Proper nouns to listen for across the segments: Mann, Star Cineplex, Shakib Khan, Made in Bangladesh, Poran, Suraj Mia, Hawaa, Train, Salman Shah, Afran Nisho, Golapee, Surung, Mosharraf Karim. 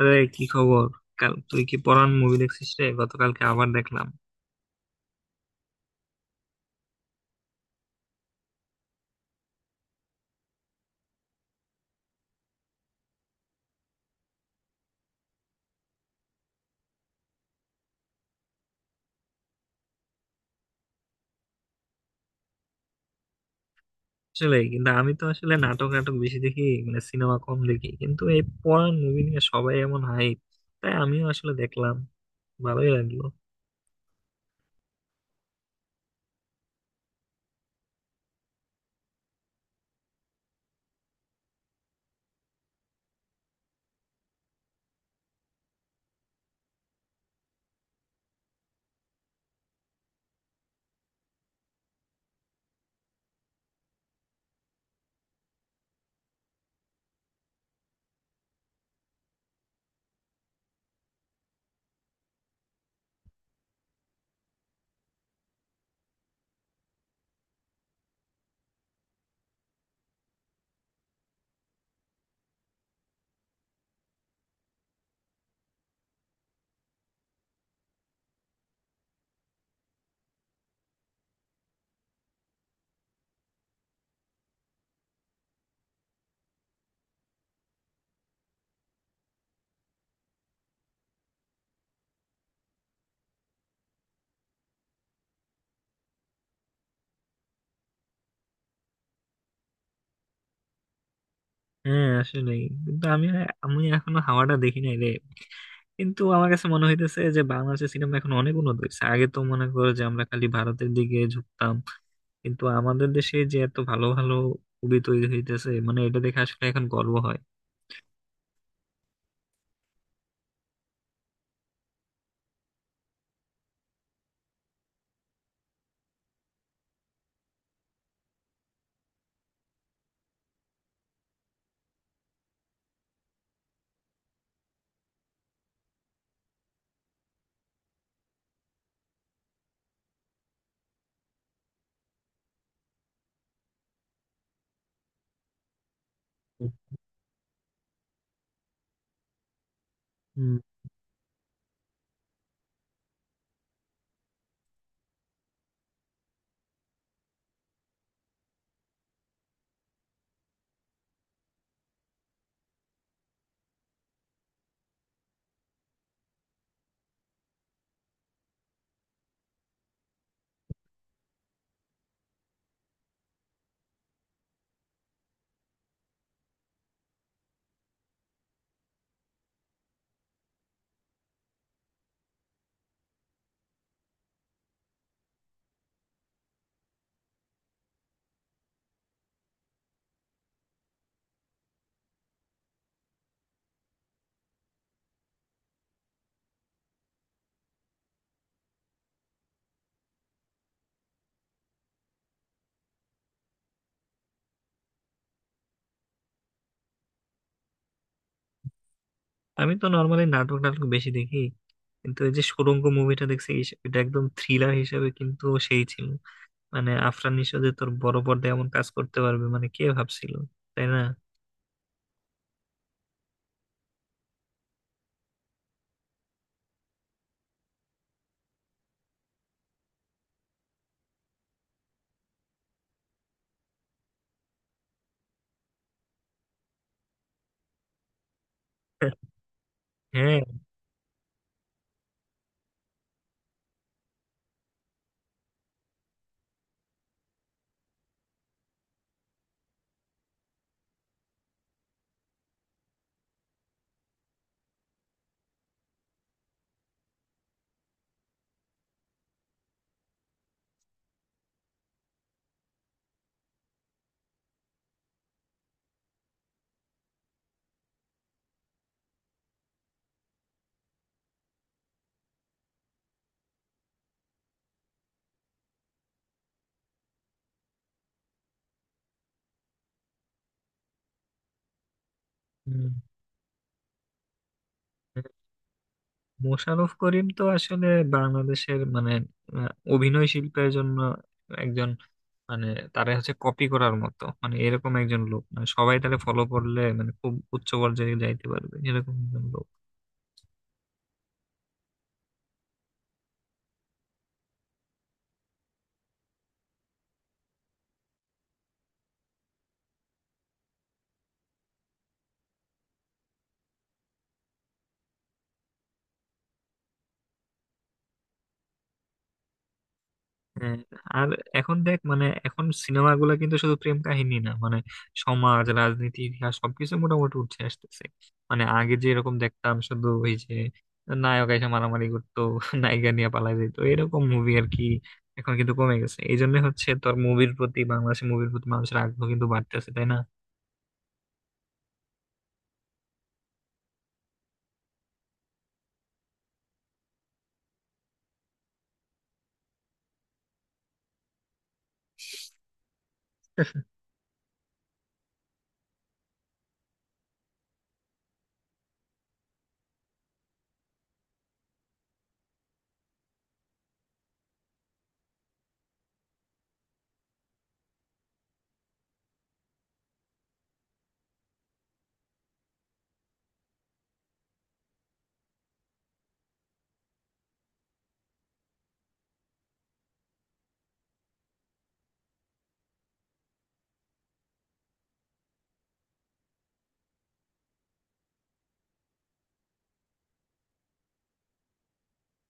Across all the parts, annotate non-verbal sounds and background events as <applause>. আরে কি খবর! কাল তুই কি পরান মুভি দেখছিস রে? গতকালকে আবার দেখলাম। আসলে কিন্তু আমি তো আসলে নাটক নাটক বেশি দেখি, সিনেমা কম দেখি, কিন্তু এই পরান মুভি নিয়ে সবাই এমন হাইপ, তাই আমিও আসলে দেখলাম। ভালোই লাগলো। হ্যাঁ, আসলে কিন্তু আমি আমি এখনো হাওয়াটা দেখি নাই রে, কিন্তু আমার কাছে মনে হইতেছে যে বাংলাদেশের সিনেমা এখন অনেক উন্নত হয়েছে। আগে তো মনে করো যে আমরা খালি ভারতের দিকে ঝুঁকতাম, কিন্তু আমাদের দেশে যে এত ভালো ভালো মুভি তৈরি হইতেছে, এটা দেখে আসলে এখন গর্ব হয়। হুম। আমি তো নর্মালি নাটক নাটক বেশি দেখি, কিন্তু এই যে সুড়ঙ্গ মুভিটা দেখছি, এটা একদম থ্রিলার হিসেবে কিন্তু সেই ছিল। আফরান নিশো যে তোর বড় পর্দায় এমন কাজ করতে পারবে, কে ভাবছিল? তাই না? হ্যাঁ। হুম। মোশাররফ করিম তো আসলে বাংলাদেশের অভিনয় শিল্পের জন্য একজন, মানে তারা হচ্ছে কপি করার মতো, এরকম একজন লোক, সবাই তারা ফলো করলে খুব উচ্চ পর্যায়ে যাইতে পারবে, এরকম একজন লোক। হ্যাঁ, আর এখন দেখ, এখন সিনেমাগুলো কিন্তু শুধু প্রেম কাহিনী না, সমাজ, রাজনীতি, ইতিহাস সবকিছু মোটামুটি উঠে আসতেছে। আগে যে এরকম দেখতাম, শুধু ওই যে নায়ক এসে মারামারি করতো <laughs> নায়িকা নিয়ে পালাই যেত, এরকম মুভি আর কি। এখন কিন্তু কমে গেছে, এই জন্য হচ্ছে তোর মুভির প্রতি, বাংলাদেশি মুভির প্রতি মানুষের আগ্রহ কিন্তু বাড়তেছে, তাই না?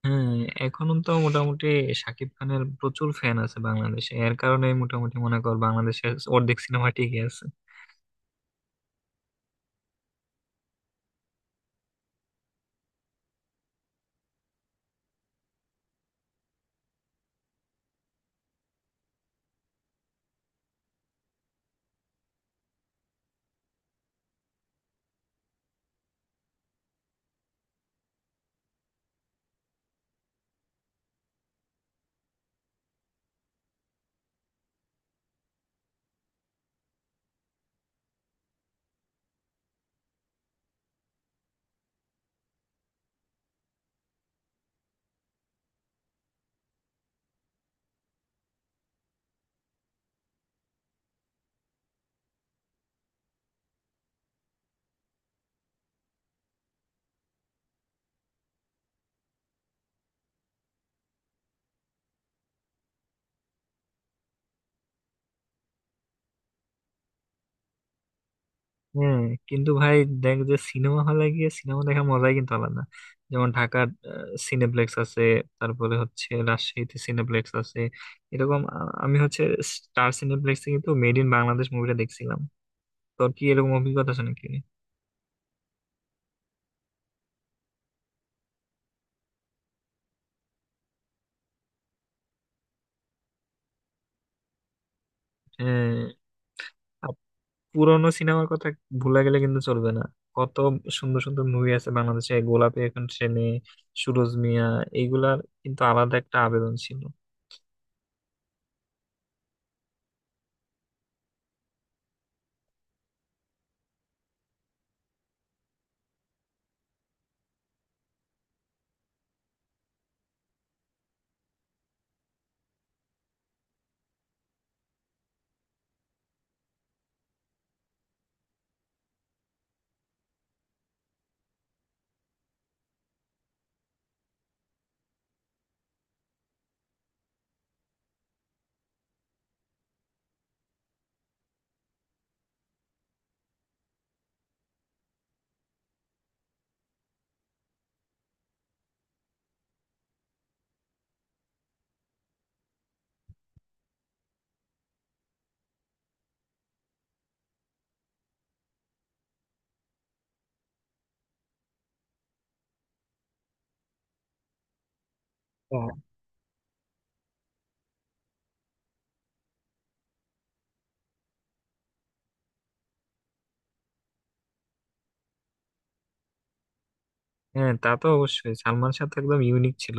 হ্যাঁ। এখন তো মোটামুটি শাকিব খানের প্রচুর ফ্যান আছে বাংলাদেশে, এর কারণে মোটামুটি মনে কর বাংলাদেশের অর্ধেক সিনেমা টিকে আছে। হ্যাঁ। কিন্তু ভাই দেখ, যে সিনেমা হলে গিয়ে সিনেমা দেখার মজাই কিন্তু আলাদা। যেমন ঢাকার সিনেপ্লেক্স আছে, তারপরে হচ্ছে রাজশাহীতে সিনেপ্লেক্স আছে। এরকম আমি হচ্ছে স্টার সিনেপ্লেক্সে কিন্তু মেড ইন বাংলাদেশ মুভিটা দেখছিলাম। তোর কি এরকম অভিজ্ঞতা আছে নাকি? হ্যাঁ, আর পুরোনো সিনেমার কথা ভুলে গেলে কিন্তু চলবে না। কত সুন্দর সুন্দর মুভি আছে বাংলাদেশে— গোলাপী এখন ট্রেনে, সুরজ মিয়া, এইগুলার কিন্তু আলাদা একটা আবেদন ছিল। হ্যাঁ, তা তো অবশ্যই, সালমান শাহ তো একদম ইউনিক ছিল।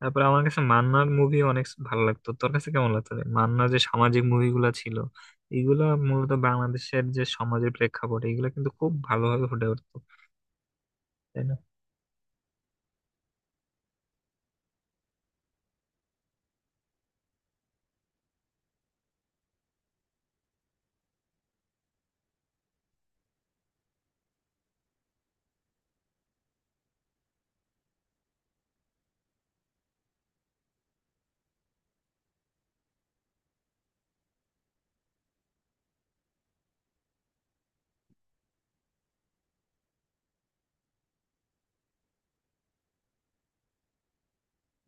তারপরে আমার কাছে মান্নার মুভি অনেক ভালো লাগতো, তোর কাছে কেমন লাগতো রে? মান্নার যে সামাজিক মুভিগুলো ছিল, এগুলা মূলত বাংলাদেশের যে সমাজের প্রেক্ষাপট, এগুলো কিন্তু খুব ভালোভাবে ফুটে উঠতো, তাই না?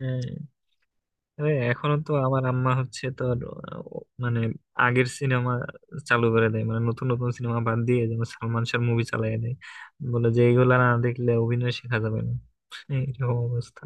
হ্যাঁ। তবে এখনো তো আমার আম্মা হচ্ছে তোর আহ, মানে আগের সিনেমা চালু করে দেয়, নতুন নতুন সিনেমা বাদ দিয়ে যেমন সালমান শাহর মুভি চালিয়ে দেয়, বলে যে এইগুলা না দেখলে অভিনয় শেখা যাবে না। হ্যাঁ, এরকম অবস্থা।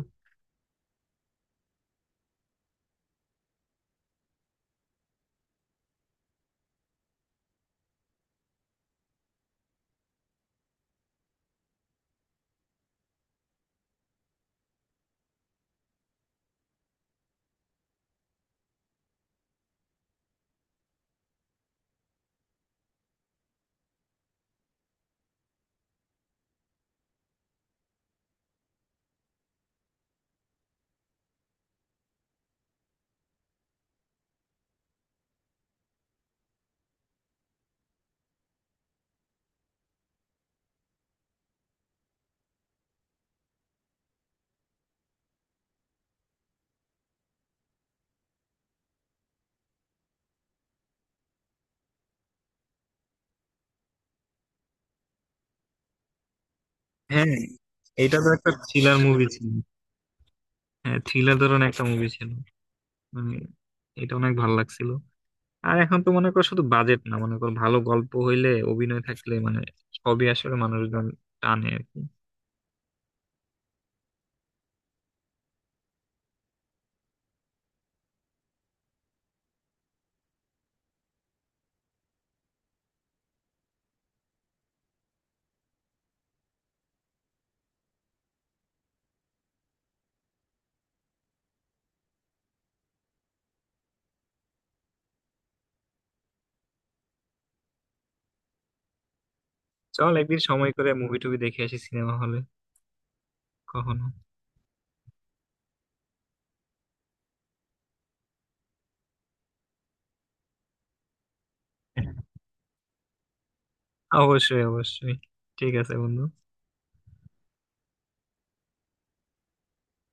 হ্যাঁ, এটা তো একটা থ্রিলার মুভি ছিল। হ্যাঁ, থ্রিলার ধরনের একটা মুভি ছিল। মানে এটা অনেক ভালো লাগছিল। আর এখন তো মনে করো শুধু বাজেট না, মনে করো ভালো গল্প হইলে, অভিনয় থাকলে, সবই আসলে মানুষজন টানে আর কি। চল একদিন সময় করে মুভি টুভি দেখে আসি সিনেমা হলে কখনো। অবশ্যই, অবশ্যই। ঠিক আছে বন্ধু।